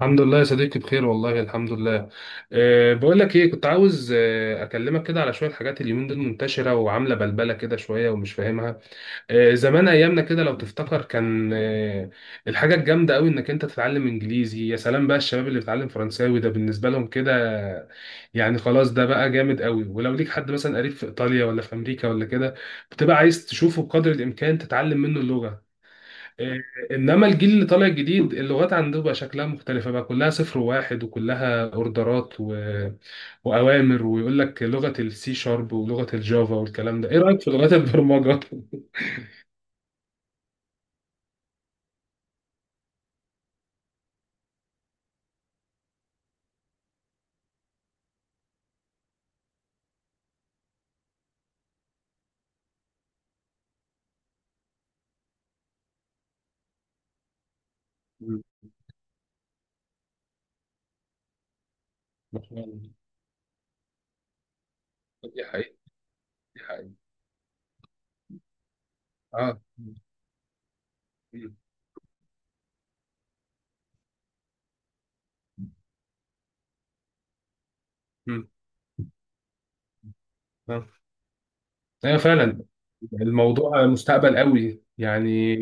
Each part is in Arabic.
الحمد لله يا صديقي، بخير والله، الحمد لله. بقول لك ايه، كنت عاوز اكلمك كده على شويه حاجات اليومين دول منتشره وعامله بلبله كده شويه ومش فاهمها. زمان ايامنا كده لو تفتكر، كان الحاجه الجامده قوي انك انت تتعلم انجليزي. يا سلام بقى، الشباب اللي بيتعلم فرنساوي ده بالنسبه لهم كده يعني خلاص، ده بقى جامد قوي. ولو ليك حد مثلا قريب في ايطاليا ولا في امريكا ولا كده، بتبقى عايز تشوفه بقدر الامكان تتعلم منه اللغه. إيه، انما الجيل اللي طالع جديد، اللغات عنده بقى شكلها مختلفه، بقى كلها صفر وواحد وكلها اوردرات واوامر. ويقول لك لغه السي شارب ولغه الجافا والكلام ده. ايه رايك في لغات البرمجه مم. ما شاء الله. دي حقيقه، دي حقيقه. اه. مم. مم. آه. ايوه فعلا. الموضوع مستقبل قوي يعني.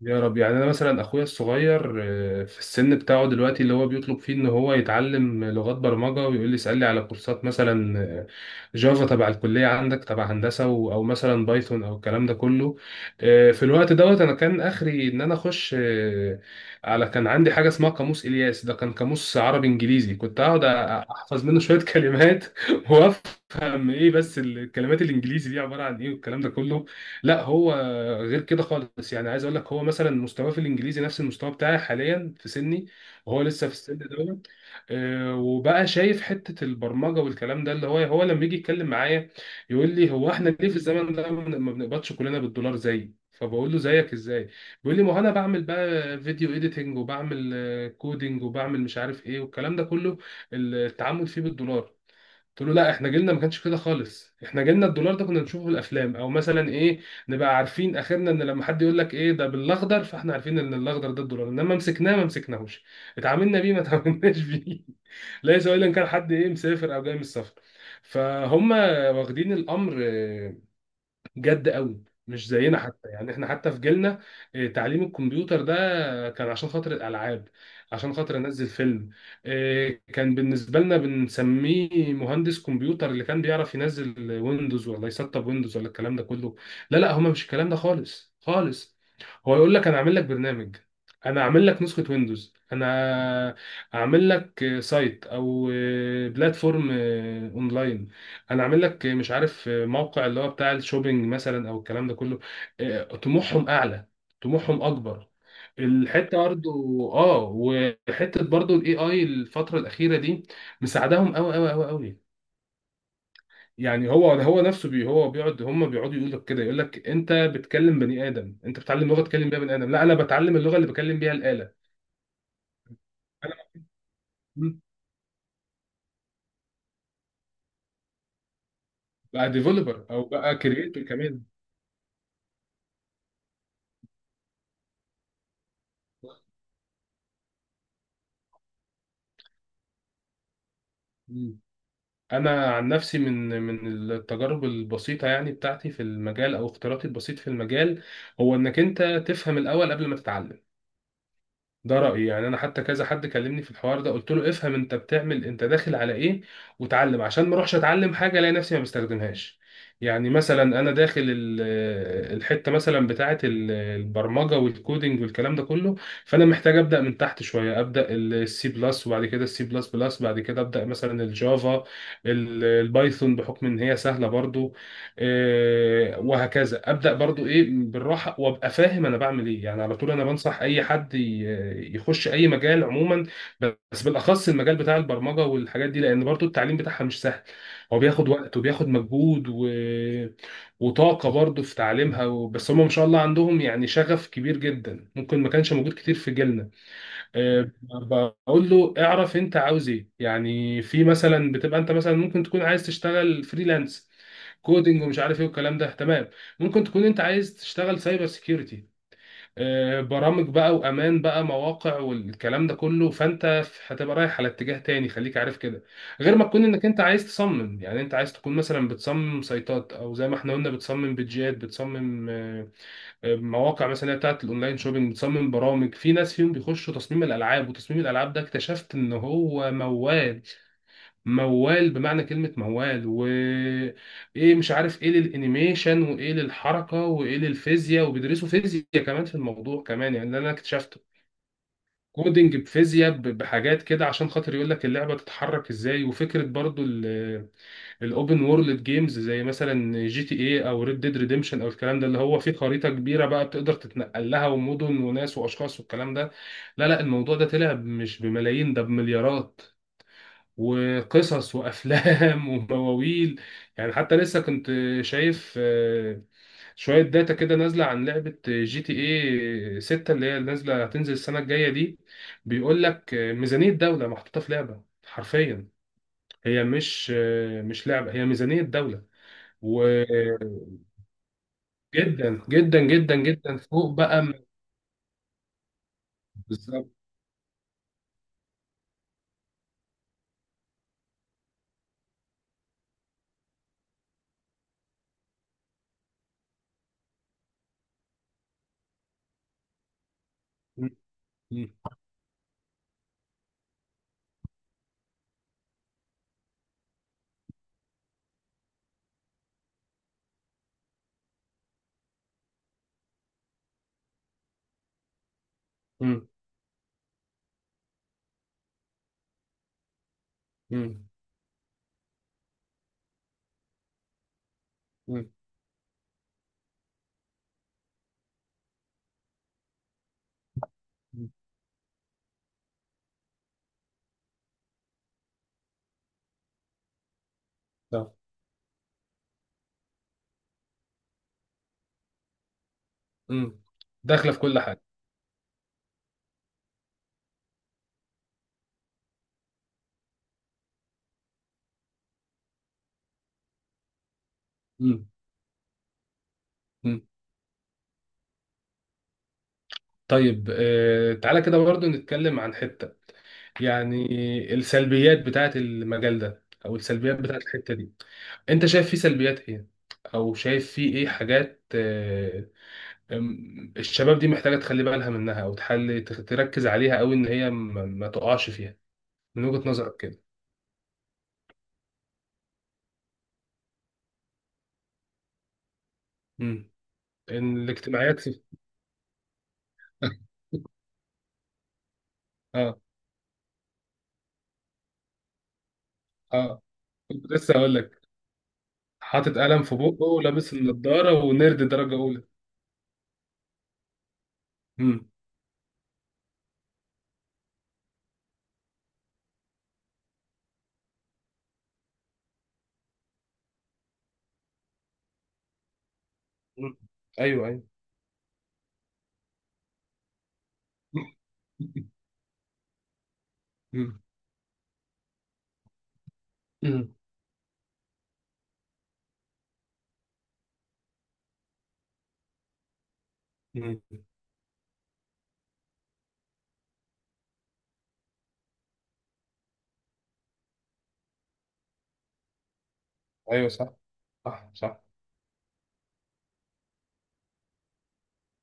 يا رب يعني. انا مثلا اخويا الصغير، في السن بتاعه دلوقتي اللي هو بيطلب فيه ان هو يتعلم لغات برمجه، ويقول لي اسال لي على كورسات مثلا جافا تبع الكليه عندك تبع هندسه او مثلا بايثون او الكلام ده كله. في الوقت دوت، انا كان اخري ان انا اخش على. كان عندي حاجه اسمها قاموس الياس، ده كان قاموس عربي انجليزي كنت اقعد احفظ منه شويه كلمات وافهم ايه بس الكلمات الانجليزي دي عباره عن ايه والكلام ده كله. لا، هو غير كده خالص يعني. عايز اقول لك هو مثلا مستواه في الانجليزي نفس المستوى بتاعي حاليا في سني، وهو لسه في السن دوت. وبقى شايف حته البرمجه والكلام ده اللي هو لما يجي يتكلم معايا يقول لي: هو احنا ليه في الزمن ده ما بنقبضش كلنا بالدولار؟ زي، فبقول له: زيك ازاي؟ بيقول لي: ما هو انا بعمل بقى فيديو اديتنج، وبعمل كودينج، وبعمل مش عارف ايه والكلام ده كله، التعامل فيه بالدولار. قلت له: لا، احنا جيلنا ما كانش كده خالص. احنا جيلنا الدولار ده كنا بنشوفه في الافلام او مثلا ايه، نبقى عارفين اخرنا ان لما حد يقول لك ايه ده بالاخضر، فاحنا عارفين ان الاخضر ده الدولار، انما مسكناه ما مسكناهوش، اتعاملنا بيه ما اتعاملناش بيه. ليس الا ان كان حد ايه مسافر او جاي من السفر فهم، واخدين الامر جد قوي، مش زينا حتى. يعني احنا حتى في جيلنا تعليم الكمبيوتر ده كان عشان خاطر الالعاب، عشان خاطر انزل فيلم. كان بالنسبه لنا بنسميه مهندس كمبيوتر اللي كان بيعرف ينزل ويندوز ولا يسطب ويندوز ولا الكلام ده كله. لا لا، هما مش الكلام ده خالص خالص. هو يقول لك: انا اعمل لك برنامج، انا اعمل لك نسخه ويندوز، انا اعمل لك سايت او بلاتفورم اونلاين، انا عامل لك مش عارف موقع اللي هو بتاع الشوبينج مثلا او الكلام ده كله. طموحهم اعلى، طموحهم اكبر. الحته برضه. اه، وحته برضه الاي اي الفتره الاخيره دي مساعدهم قوي قوي قوي قوي. يعني هو نفسه. هو بيقعد، هم بيقعدوا يقول لك كده، يقول لك: انت بتكلم بني ادم، انت بتتعلم لغه تكلم بيها بني ادم. لا، انا بتعلم اللغه اللي بكلم بيها الاله. انا بقى ديفلوبر او بقى كرييتور. كمان. انا عن نفسي من التجارب البسيطه يعني بتاعتي في المجال او اختياراتي البسيط في المجال، هو انك انت تفهم الاول قبل ما تتعلم. ده رأيي يعني. أنا حتى كذا حد كلمني في الحوار ده قلت له: افهم أنت بتعمل، أنت داخل على إيه، وتعلم، عشان ما أروحش أتعلم حاجة ألاقي نفسي ما بستخدمهاش. يعني مثلا أنا داخل الحتة مثلا بتاعة البرمجة والكودينج والكلام ده كله، فأنا محتاج أبدأ من تحت شوية. أبدأ السي بلس، وبعد كده السي بلس بلس، بعد كده أبدأ مثلا الجافا، البايثون، بحكم إن هي سهلة برضو. وهكذا ابدا برضو ايه بالراحه، وابقى فاهم انا بعمل ايه. يعني على طول انا بنصح اي حد يخش اي مجال عموما، بس بالاخص المجال بتاع البرمجه والحاجات دي، لان برضو التعليم بتاعها مش سهل. هو بياخد وقت وبياخد مجهود وطاقه برضو في تعليمها بس هم ما شاء الله عندهم يعني شغف كبير جدا ممكن ما كانش موجود كتير في جيلنا. آه، بقول له: اعرف انت عاوز ايه، يعني في مثلا بتبقى انت مثلا ممكن تكون عايز تشتغل فريلانس كودينج ومش عارف ايه والكلام ده، تمام. ممكن تكون انت عايز تشتغل سايبر سيكيورتي برامج بقى وامان بقى مواقع والكلام ده كله، فانت هتبقى رايح على اتجاه تاني، خليك عارف كده. غير ما تكون انك انت عايز تصمم. يعني انت عايز تكون مثلا بتصمم سايتات، او زي ما احنا قلنا بتصمم بيدجات، بتصمم مواقع مثلا اللي هي بتاعت الاونلاين شوبينج، بتصمم برامج. في ناس فيهم بيخشوا تصميم الالعاب، وتصميم الالعاب ده اكتشفت ان هو موال موال، بمعنى كلمة موال. و ايه مش عارف ايه للانيميشن وايه للحركة وايه للفيزياء، وبيدرسوا فيزياء كمان في الموضوع كمان، يعني اللي انا اكتشفته كودينج بفيزياء بحاجات كده، عشان خاطر يقول لك اللعبة تتحرك ازاي، وفكرة برضو الاوبن وورلد جيمز زي مثلا جي تي اي او ريد ديد ريديمشن او الكلام ده اللي هو فيه خريطه كبيره بقى بتقدر تتنقل لها ومدن وناس واشخاص والكلام ده. لا لا، الموضوع ده طلع مش بملايين، ده بمليارات وقصص وافلام ومواويل. يعني حتى لسه كنت شايف شويه داتا كده نازله عن لعبه جي تي اي 6، اللي هي نازله هتنزل السنه الجايه دي. بيقول لك ميزانيه دوله محطوطه في لعبه حرفيا. هي مش مش لعبه، هي ميزانيه دوله. وجدا، جدا جدا جدا فوق بقى بالظبط. م-. م-. م-. م-. م-. م-. طب. م. داخله في كل حاجه. م-. م. طيب تعالى كده برضو نتكلم عن حته يعني السلبيات بتاعت المجال ده او السلبيات بتاعت الحته دي. انت شايف فيه سلبيات ايه؟ او شايف فيه ايه حاجات الشباب دي محتاجه تخلي بالها منها، او تحل تركز عليها، او ان هي ما تقعش فيها؟ من وجهة نظرك كده. امم. الاجتماعيات اه. اه، كنت لسه هقول لك: حاطط قلم في بقه ولابس النضاره ونرد درجه اولى. امم. أمم. ايوه ايوه. أمم. أمم. أمم. ايوه، صح صح صح.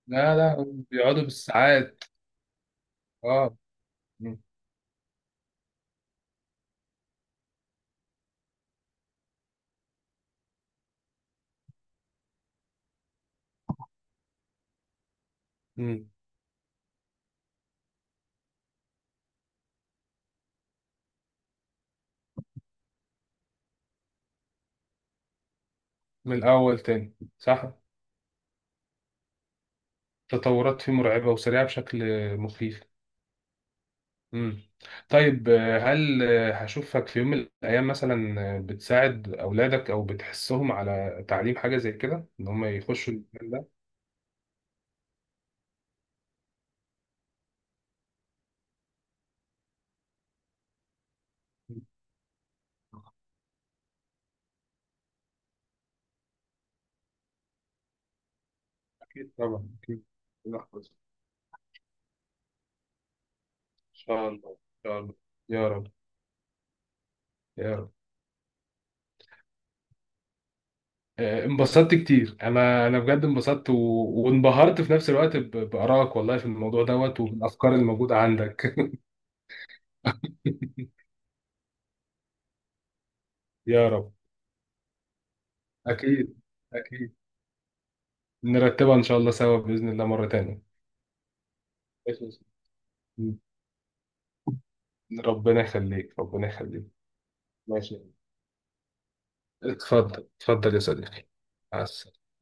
لا لا، بيقعدوا بالساعات. اه. أمم. أمم. من الاول تاني، صح. تطورات فيه مرعبه وسريعه بشكل مخيف. مم. طيب هل هشوفك في يوم من الأيام مثلا بتساعد أولادك أو بتحثهم على تعليم حاجة زي كده، إن هم يخشوا المجال ده؟ أكيد طبعا أكيد. لحظة، إن شاء الله، إن شاء الله. يا رب. يا رب. انبسطت كتير، أنا بجد انبسطت وانبهرت في نفس الوقت بآرائك والله في الموضوع دوت وبالأفكار الموجودة عندك. يا رب. أكيد أكيد. نرتبها إن شاء الله سوا بإذن الله مرة تانية. ربنا يخليك، ربنا يخليك. ماشي، اتفضل اتفضل يا صديقي. مع السلامة.